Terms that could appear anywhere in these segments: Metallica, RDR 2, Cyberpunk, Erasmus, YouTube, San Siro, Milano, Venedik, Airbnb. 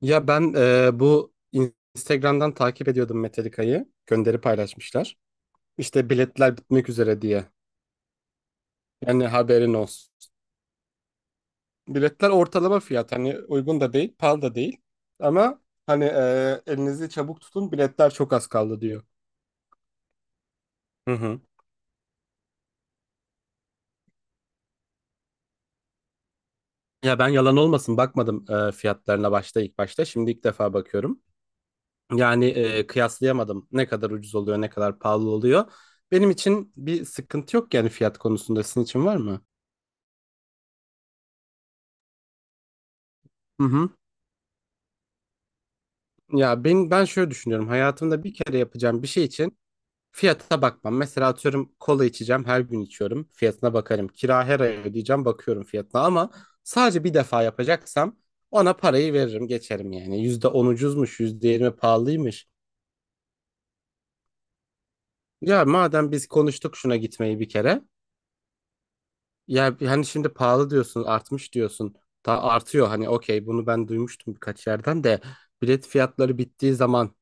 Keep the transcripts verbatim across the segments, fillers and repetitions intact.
Ya ben e, bu Instagram'dan takip ediyordum Metallica'yı. Gönderi paylaşmışlar. İşte biletler bitmek üzere diye. Yani haberin olsun. Biletler ortalama fiyat. Hani uygun da değil, pahalı da değil. Ama hani e, elinizi çabuk tutun, biletler çok az kaldı diyor. Hı hı. Ya ben yalan olmasın, bakmadım e, fiyatlarına başta, ilk başta. Şimdi ilk defa bakıyorum. Yani e, kıyaslayamadım. Ne kadar ucuz oluyor, ne kadar pahalı oluyor. Benim için bir sıkıntı yok yani fiyat konusunda. Sizin için var mı? Hı hı. Ya ben ben şöyle düşünüyorum. Hayatımda bir kere yapacağım bir şey için fiyata bakmam. Mesela atıyorum, kola içeceğim, her gün içiyorum. Fiyatına bakarım. Kira her ay ödeyeceğim, bakıyorum fiyatına, ama sadece bir defa yapacaksam ona parayı veririm, geçerim yani. yüzde on ucuzmuş, yüzde yirmi pahalıymış. Ya madem biz konuştuk şuna gitmeyi bir kere. Ya hani şimdi pahalı diyorsun, artmış diyorsun. Daha artıyor hani, okey, bunu ben duymuştum birkaç yerden de. Bilet fiyatları bittiği zaman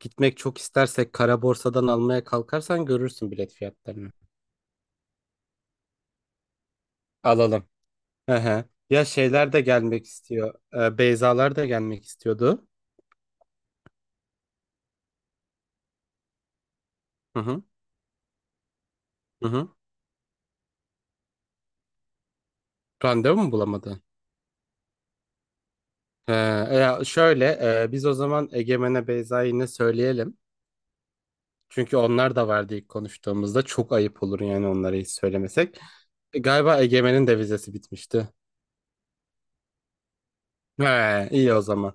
gitmek çok istersek, kara borsadan almaya kalkarsan görürsün bilet fiyatlarını. Alalım. Hı hı. Ya şeyler de gelmek istiyor. Ee, Beyzalar da gelmek istiyordu. Hı hı. Hı hı. Randevu mu bulamadı? He, e, ya şöyle, e, biz o zaman Egemen'e Beyza'yı yine söyleyelim. Çünkü onlar da vardı ilk konuştuğumuzda. Çok ayıp olur yani onlara hiç söylemesek. E, Galiba Egemen'in de vizesi bitmişti. He, iyi o zaman.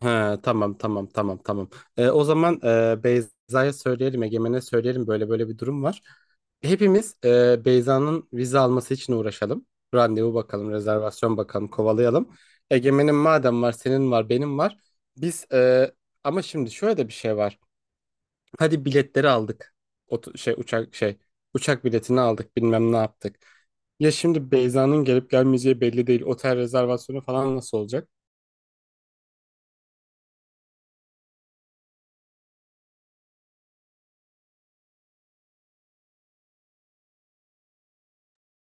Ha, tamam tamam tamam tamam. Ee, o zaman, e, Beyza'ya söyleyelim, Egemen'e söyleyelim, böyle böyle bir durum var. Hepimiz e, Beyza'nın vize alması için uğraşalım. Randevu bakalım, rezervasyon bakalım, kovalayalım. Egemen'in madem var, senin var, benim var. Biz e, ama şimdi şöyle de bir şey var. Hadi biletleri aldık. Otu- şey uçak şey uçak biletini aldık, bilmem ne yaptık. Ya şimdi Beyza'nın gelip gelmeyeceği belli değil. Otel rezervasyonu falan nasıl olacak?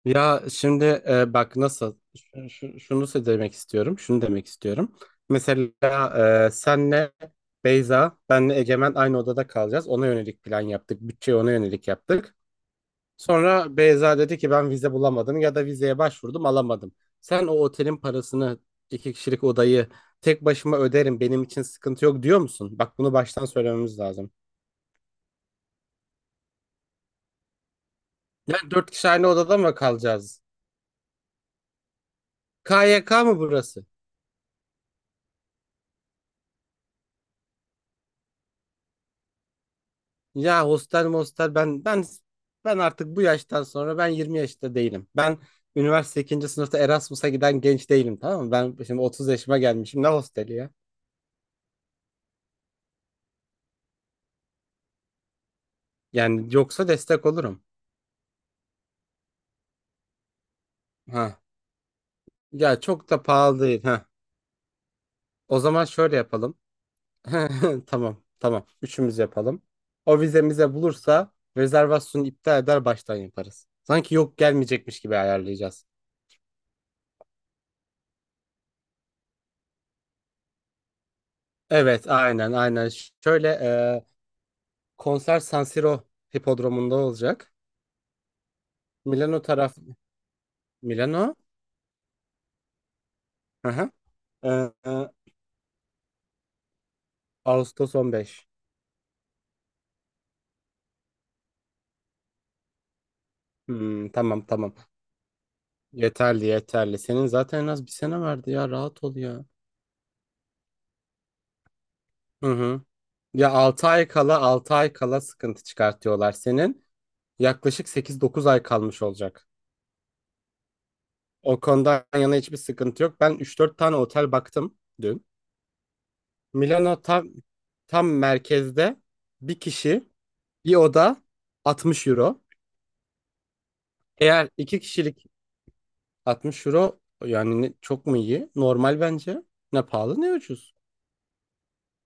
Ya şimdi e, bak nasıl, şu- şu- şunu se- demek istiyorum. Şunu demek istiyorum. Mesela e, senle Beyza, benle Egemen aynı odada kalacağız. Ona yönelik plan yaptık. Bütçeyi ona yönelik yaptık. Sonra Beyza dedi ki ben vize bulamadım ya da vizeye başvurdum alamadım. Sen o otelin parasını, iki kişilik odayı tek başıma öderim, benim için sıkıntı yok diyor musun? Bak bunu baştan söylememiz lazım. Yani dört kişi aynı odada mı kalacağız? K Y K mı burası? Ya hostel mostel, ben ben ben artık bu yaştan sonra, ben yirmi yaşta değilim. Ben üniversite ikinci sınıfta Erasmus'a giden genç değilim, tamam mı? Ben şimdi otuz yaşıma gelmişim, ne hosteli ya? Yani yoksa destek olurum. Ha. Ya çok da pahalı değil. Ha. O zaman şöyle yapalım. Tamam tamam üçümüz yapalım. O vizemize bulursa rezervasyonu iptal eder, baştan yaparız. Sanki yok gelmeyecekmiş gibi ayarlayacağız. Evet, aynen aynen. Ş- Şöyle. Konser San Siro hipodromunda olacak. Milano taraf Milano. Aha. Ee, e, Ağustos on beş. Hmm, tamam tamam. Yeterli yeterli. Senin zaten en az bir sene vardı ya. Rahat ol ya. Hı hı. Ya altı ay kala, altı ay kala sıkıntı çıkartıyorlar senin. Yaklaşık sekiz dokuz ay kalmış olacak. O konudan yana hiçbir sıkıntı yok. Ben üç dört tane otel baktım dün. Milano tam tam merkezde, bir kişi, bir oda altmış euro. Eğer iki kişilik altmış euro, yani ne- çok mu iyi? Normal bence. Ne pahalı ne ucuz.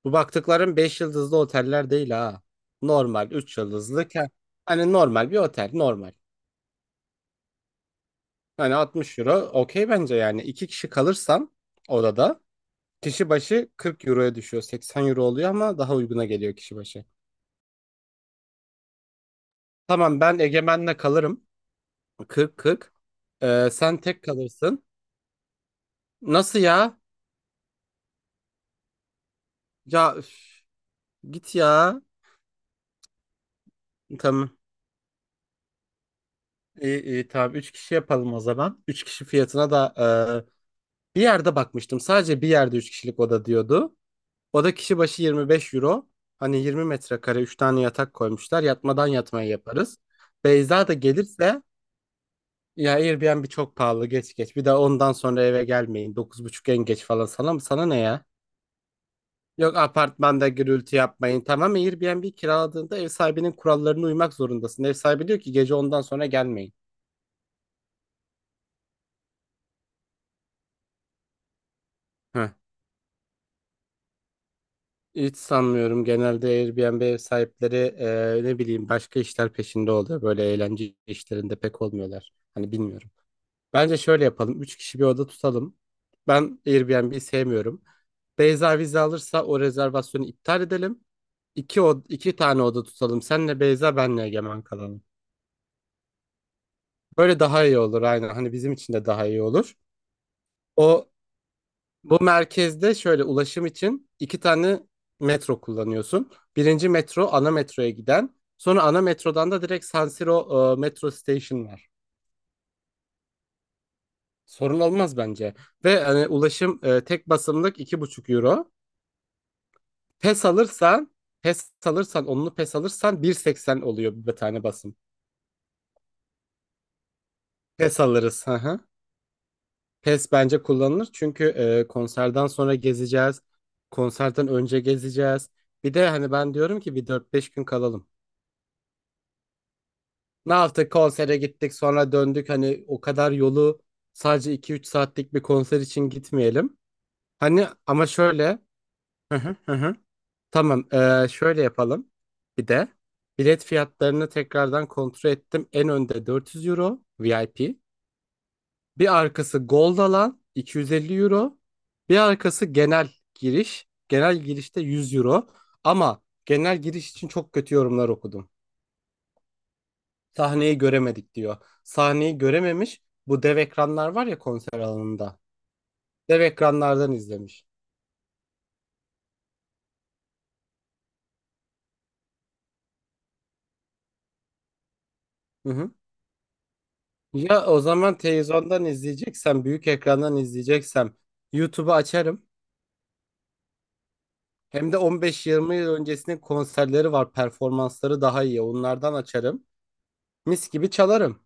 Bu baktıkların beş yıldızlı oteller değil ha. Normal üç yıldızlı. ke- Hani normal bir otel, normal. Hani altmış euro okey bence yani. İki kişi kalırsan odada kişi başı kırk euroya düşüyor. seksen euro oluyor ama daha uyguna geliyor kişi başı. Tamam ben Egemen'le kalırım. kırk kırk. Ee, sen tek kalırsın. Nasıl ya? Ya üf, git ya. Tamam. İyi, iyi tamam. Üç kişi yapalım o zaman. Üç kişi fiyatına da e, bir yerde bakmıştım. Sadece bir yerde üç kişilik oda diyordu. Oda kişi başı yirmi beş euro. Hani yirmi metrekare, üç tane yatak koymuşlar. Yatmadan yatmayı yaparız. Beyza da gelirse ya, Airbnb çok pahalı, geç geç. Bir de ondan sonra eve gelmeyin. Dokuz buçuk en geç falan, sana mı? Sana ne ya? Yok, apartmanda gürültü yapmayın. Tamam, Airbnb kiraladığında ev sahibinin kurallarına uymak zorundasın. Ev sahibi diyor ki gece ondan sonra gelmeyin. Heh. Hiç sanmıyorum. Genelde Airbnb ev sahipleri e, ne bileyim başka işler peşinde oluyor. Böyle eğlence işlerinde pek olmuyorlar. Hani bilmiyorum. Bence şöyle yapalım. Üç kişi bir oda tutalım. Ben Airbnb'yi sevmiyorum. Beyza vize alırsa o rezervasyonu iptal edelim. İki, od iki tane oda tutalım. Senle Beyza, benle Egemen kalalım. Böyle daha iyi olur aynen. Hani bizim için de daha iyi olur. O Bu merkezde şöyle, ulaşım için iki tane metro kullanıyorsun. Birinci metro ana metroya giden. Sonra ana metrodan da direkt San Siro e, metro station var. Sorun olmaz bence. Ve hani ulaşım, e, tek basımlık iki buçuk euro. P E S alırsan, P E S alırsan, onlu P E S alırsan bir seksen oluyor bir tane basım. P E S alırız. Hı hı. P E S bence kullanılır. Çünkü e, konserden sonra gezeceğiz. Konserden önce gezeceğiz. Bir de hani ben diyorum ki bir dört beş gün kalalım. Ne yaptık? Konsere gittik, sonra döndük. Hani o kadar yolu sadece iki üç saatlik bir konser için gitmeyelim. Hani ama şöyle. Hı hı hı. Hı. Tamam, ee, şöyle yapalım. Bir de bilet fiyatlarını tekrardan kontrol ettim. En önde dört yüz euro V I P. Bir arkası Gold alan iki yüz elli euro. Bir arkası genel giriş. Genel girişte yüz euro. Ama genel giriş için çok kötü yorumlar okudum. Sahneyi göremedik diyor. Sahneyi görememiş. Bu dev ekranlar var ya konser alanında. Dev ekranlardan izlemiş. Hı hı. Ya o zaman televizyondan izleyeceksem, büyük ekrandan izleyeceksem YouTube'u açarım. Hem de on beş yirmi yıl öncesinin konserleri var, performansları daha iyi. Onlardan açarım. Mis gibi çalarım.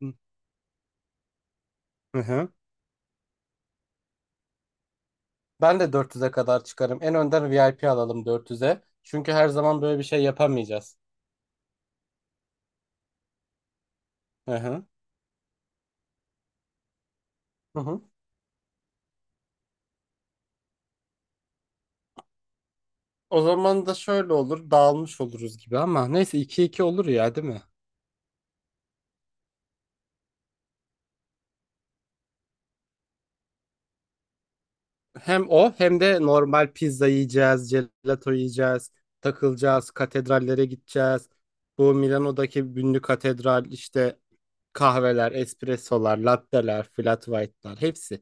Hı hı. Ben de dört yüze kadar çıkarım. En önden V I P alalım dört yüze. Çünkü her zaman böyle bir şey yapamayacağız. Hı hı. Hı hı. O zaman da şöyle olur, dağılmış oluruz gibi, ama neyse iki iki olur ya, değil mi? Hem o hem de normal pizza yiyeceğiz, gelato yiyeceğiz, takılacağız, katedrallere gideceğiz. Bu Milano'daki ünlü katedral, işte kahveler, espressolar, latteler, flat white'lar hepsi.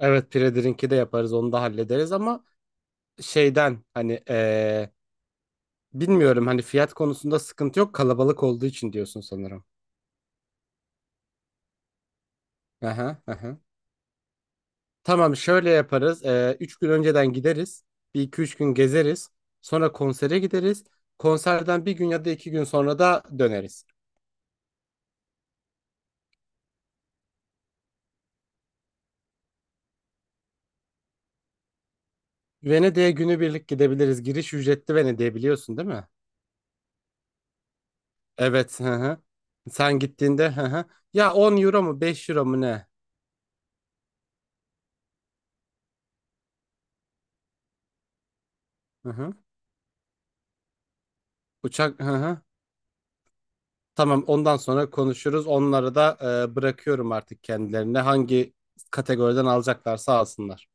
Evet Predir'inki de yaparız, onu da hallederiz, ama şeyden hani eee, bilmiyorum hani, fiyat konusunda sıkıntı yok kalabalık olduğu için diyorsun sanırım. Aha, aha. Tamam şöyle yaparız. Ee, üç gün önceden gideriz. Bir iki üç gün gezeriz. Sonra konsere gideriz. Konserden bir gün ya da iki gün sonra da döneriz. Venedik'e günübirlik gidebiliriz. Giriş ücretli, Venedik'e biliyorsun değil mi? Evet. Hı hı. Sen gittiğinde hı hı. Ya on euro mu beş euro mu ne? Hı hı. Uçak hı hı. Tamam ondan sonra konuşuruz. Onları da e, bırakıyorum artık kendilerine. Hangi kategoriden alacaklarsa alsınlar.